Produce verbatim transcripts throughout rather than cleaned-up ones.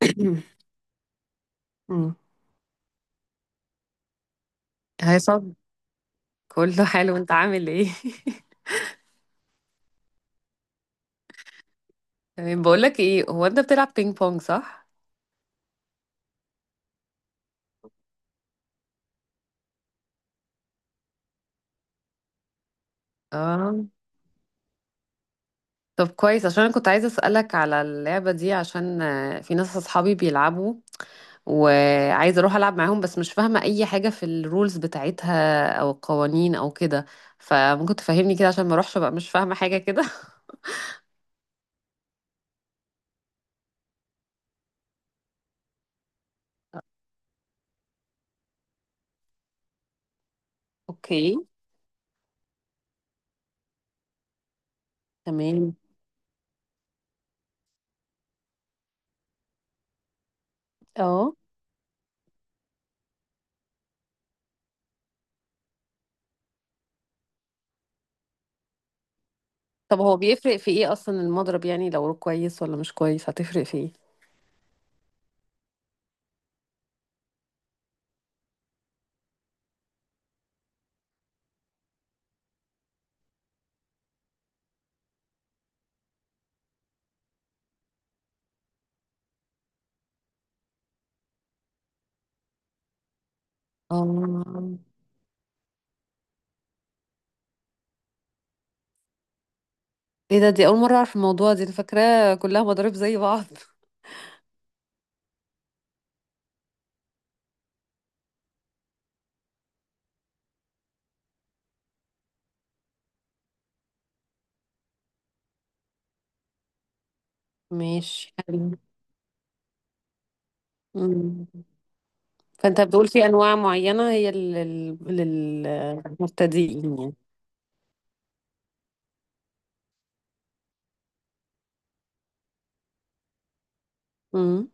مم. هيصب، كله حلو. انت عامل ايه؟ تمام. بقول لك ايه، هو انت بتلعب بينج بونج، صح؟ اه. طب كويس، عشان انا كنت عايزه اسالك على اللعبه دي. عشان آه، في ناس اصحابي بيلعبوا، وعايزه اروح العب معاهم، بس مش فاهمه اي حاجه في الرولز بتاعتها او القوانين او كده. فممكن تفهمني كده عشان ما اروحش بقى مش فاهمه حاجه كده. اوكي، تمام. اه، طب هو بيفرق في ايه اصلا المضرب؟ يعني لو كويس ولا مش كويس هتفرق في ايه؟ اه. ايه ده، دي اول مرة اعرف الموضوع دي، انا فاكراه كلها مضارب زي بعض. ماشي، حلو. مم. فانت بتقول في انواع معينة هي لل- للمبتدئين يعني؟ امم.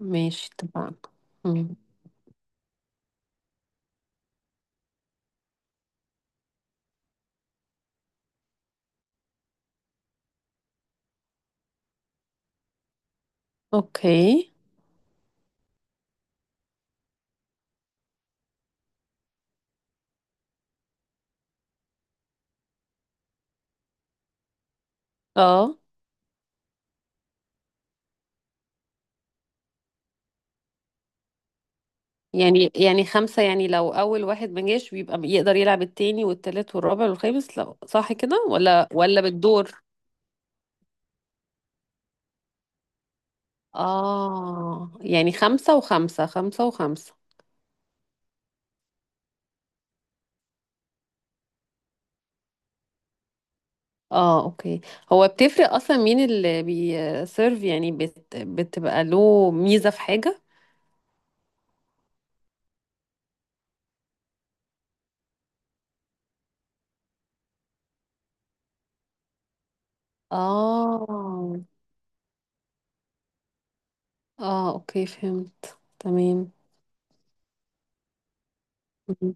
ماشي، اتفقنا. امم. اوكي. اه، يعني يعني خمسة، يعني لو اول واحد ما جاش بيبقى يقدر يلعب التاني والتالت والرابع والخامس لو صح كده، ولا ولا بالدور؟ اه، يعني خمسة وخمسة، خمسة وخمسة. اه، اوكي. هو بتفرق اصلا مين اللي بيسيرف؟ يعني بت... بتبقى له ميزة في حاجة؟ اه، اه، اوكي، فهمت تمام. مم.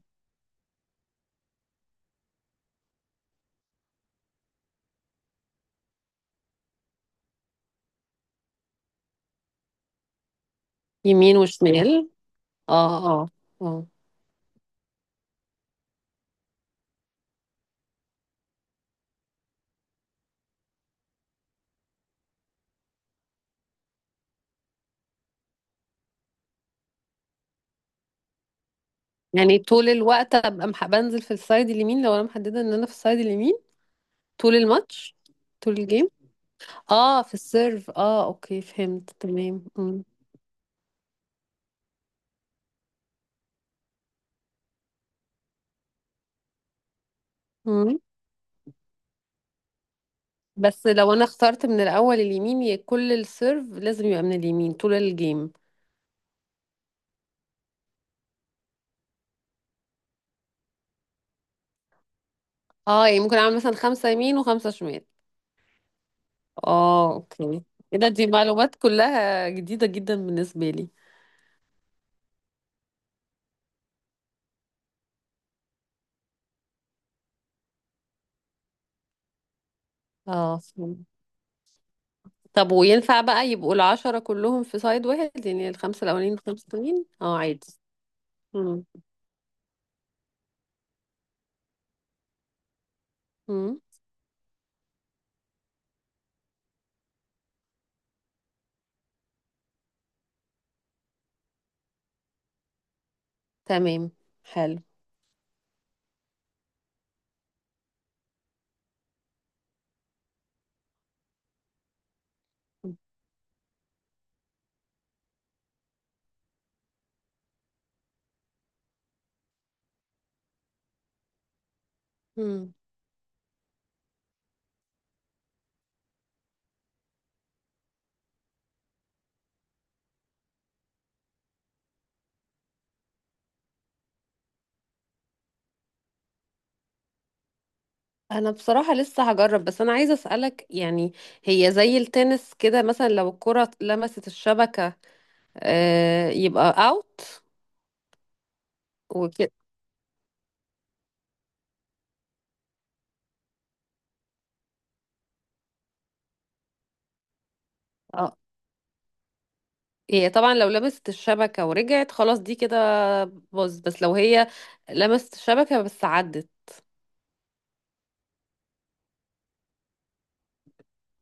يمين وشمال. اه، اه، اه. يعني طول الوقت ابقى مح... بنزل في السايد اليمين لو انا محددة ان انا في السايد اليمين؟ طول الماتش؟ طول الجيم؟ اه، في السيرف. اه، اوكي، فهمت تمام. مم. مم. بس لو انا اخترت من الاول اليمين، ي- كل السيرف لازم يبقى من اليمين طول الجيم؟ اه، يعني ممكن اعمل مثلا خمسة يمين وخمسة شمال. اه، اوكي. ايه ده، دي معلومات كلها جديدة جدا بالنسبة لي. اه، فهمت. طب وينفع بقى يبقوا العشرة كلهم في سايد واحد؟ يعني الخمسة الأولانيين الخمسة التانيين اه، عادي. مم. مم. تمام، حلو. مم. انا بصراحة لسه هجرب، بس انا عايزة اسألك. يعني هي زي التنس كده مثلا، لو الكرة لمست الشبكة آه يبقى اوت وكده؟ هي طبعا لو لمست الشبكة ورجعت خلاص دي كده باظ، بس لو هي لمست الشبكة بس عدت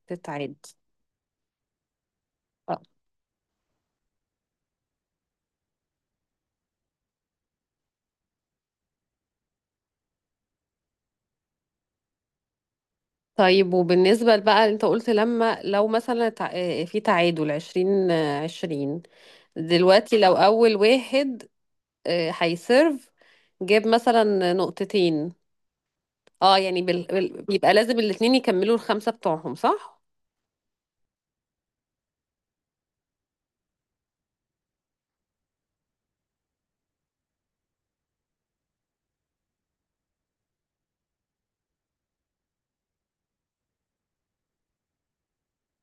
تتعاد. آه. طيب، وبالنسبة بقى انت قلت، لما لو مثلا تع- آه، في تعادل عشرين آه، عشرين. دلوقتي لو أول واحد آه، هيسيرف جاب مثلا نقطتين. اه يعني بال... بال... بيبقى لازم الاتنين يكملوا الخمسة بتوعهم، صح؟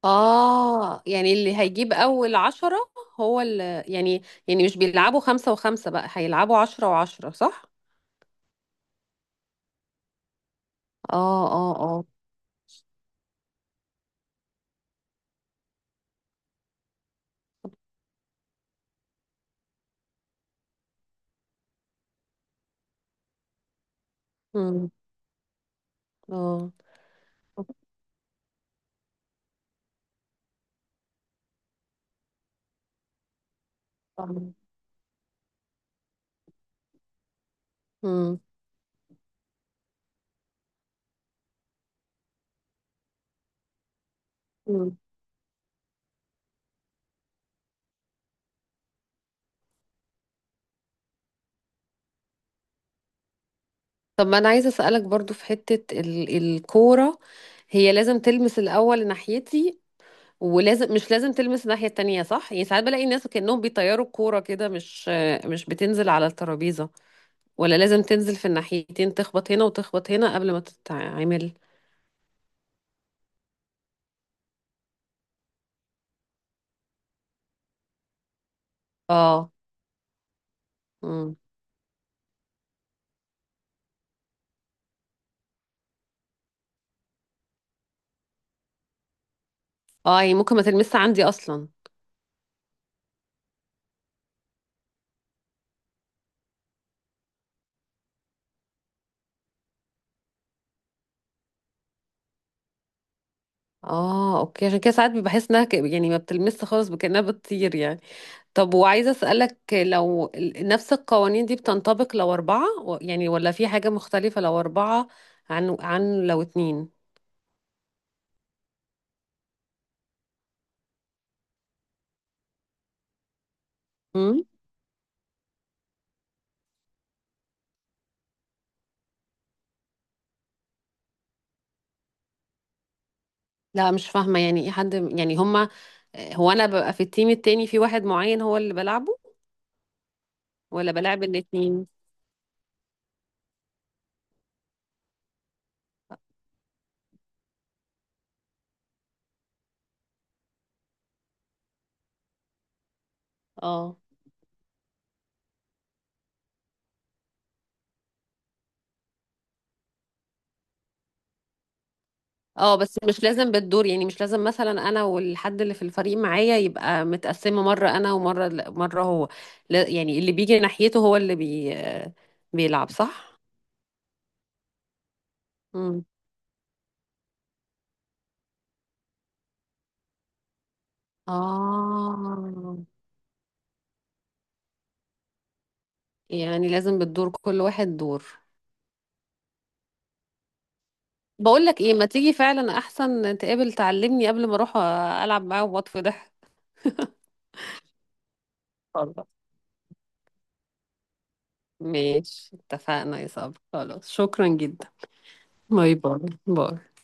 اه، يعني اللي هيجيب اول عشرة هو اللي يعني يعني مش بيلعبوا خمسة وخمسة، بقى هيلعبوا عشرة وعشرة، صح؟ اه، اه، اه. امم. اه. امم. امم. طب ما انا عايزه اسالك برضو في حته ال- الكوره. هي لازم تلمس الاول ناحيتي، ولازم، مش لازم تلمس الناحيه التانية، صح؟ يعني ساعات بلاقي الناس كانهم بيطيروا الكوره كده، مش مش بتنزل على الترابيزه؟ ولا لازم تنزل في الناحيتين، تخبط هنا وتخبط هنا قبل ما تتعمل؟ اه. امم. اه، يعني ممكن ما تلمسش عندي اصلا؟ اه، اوكي، عشان كده ساعات بحس انها ك- يعني ما بتلمس خالص، بكأنها بتطير يعني. طب وعايزه اسالك، لو ال- نفس القوانين دي بتنطبق لو اربعه و- يعني، ولا في حاجه مختلفه لو اربعه عن عن لو اتنين؟ امم. لا مش فاهمه يعني ايه حد، يعني هما، هو انا ببقى في التيم التاني في واحد معين هو اللي بلعبه، ولا بلعب الاتنين؟ اه، اه. بس مش لازم بالدور يعني؟ مش لازم مثلا انا والحد اللي في الفريق معايا يبقى متقسمه مره انا ومره مره هو؟ لا، يعني اللي بيجي ناحيته هو اللي بي بيلعب، صح؟ مم. اه، يعني لازم بالدور، كل واحد دور. بقول لك ايه، ما تيجي فعلا احسن، تقابل تعلمني قبل ما اروح العب معاه واطفي ضحك. خلاص. ماشي اتفقنا يا صبري. خلاص، شكرا جدا. باي باي. باي.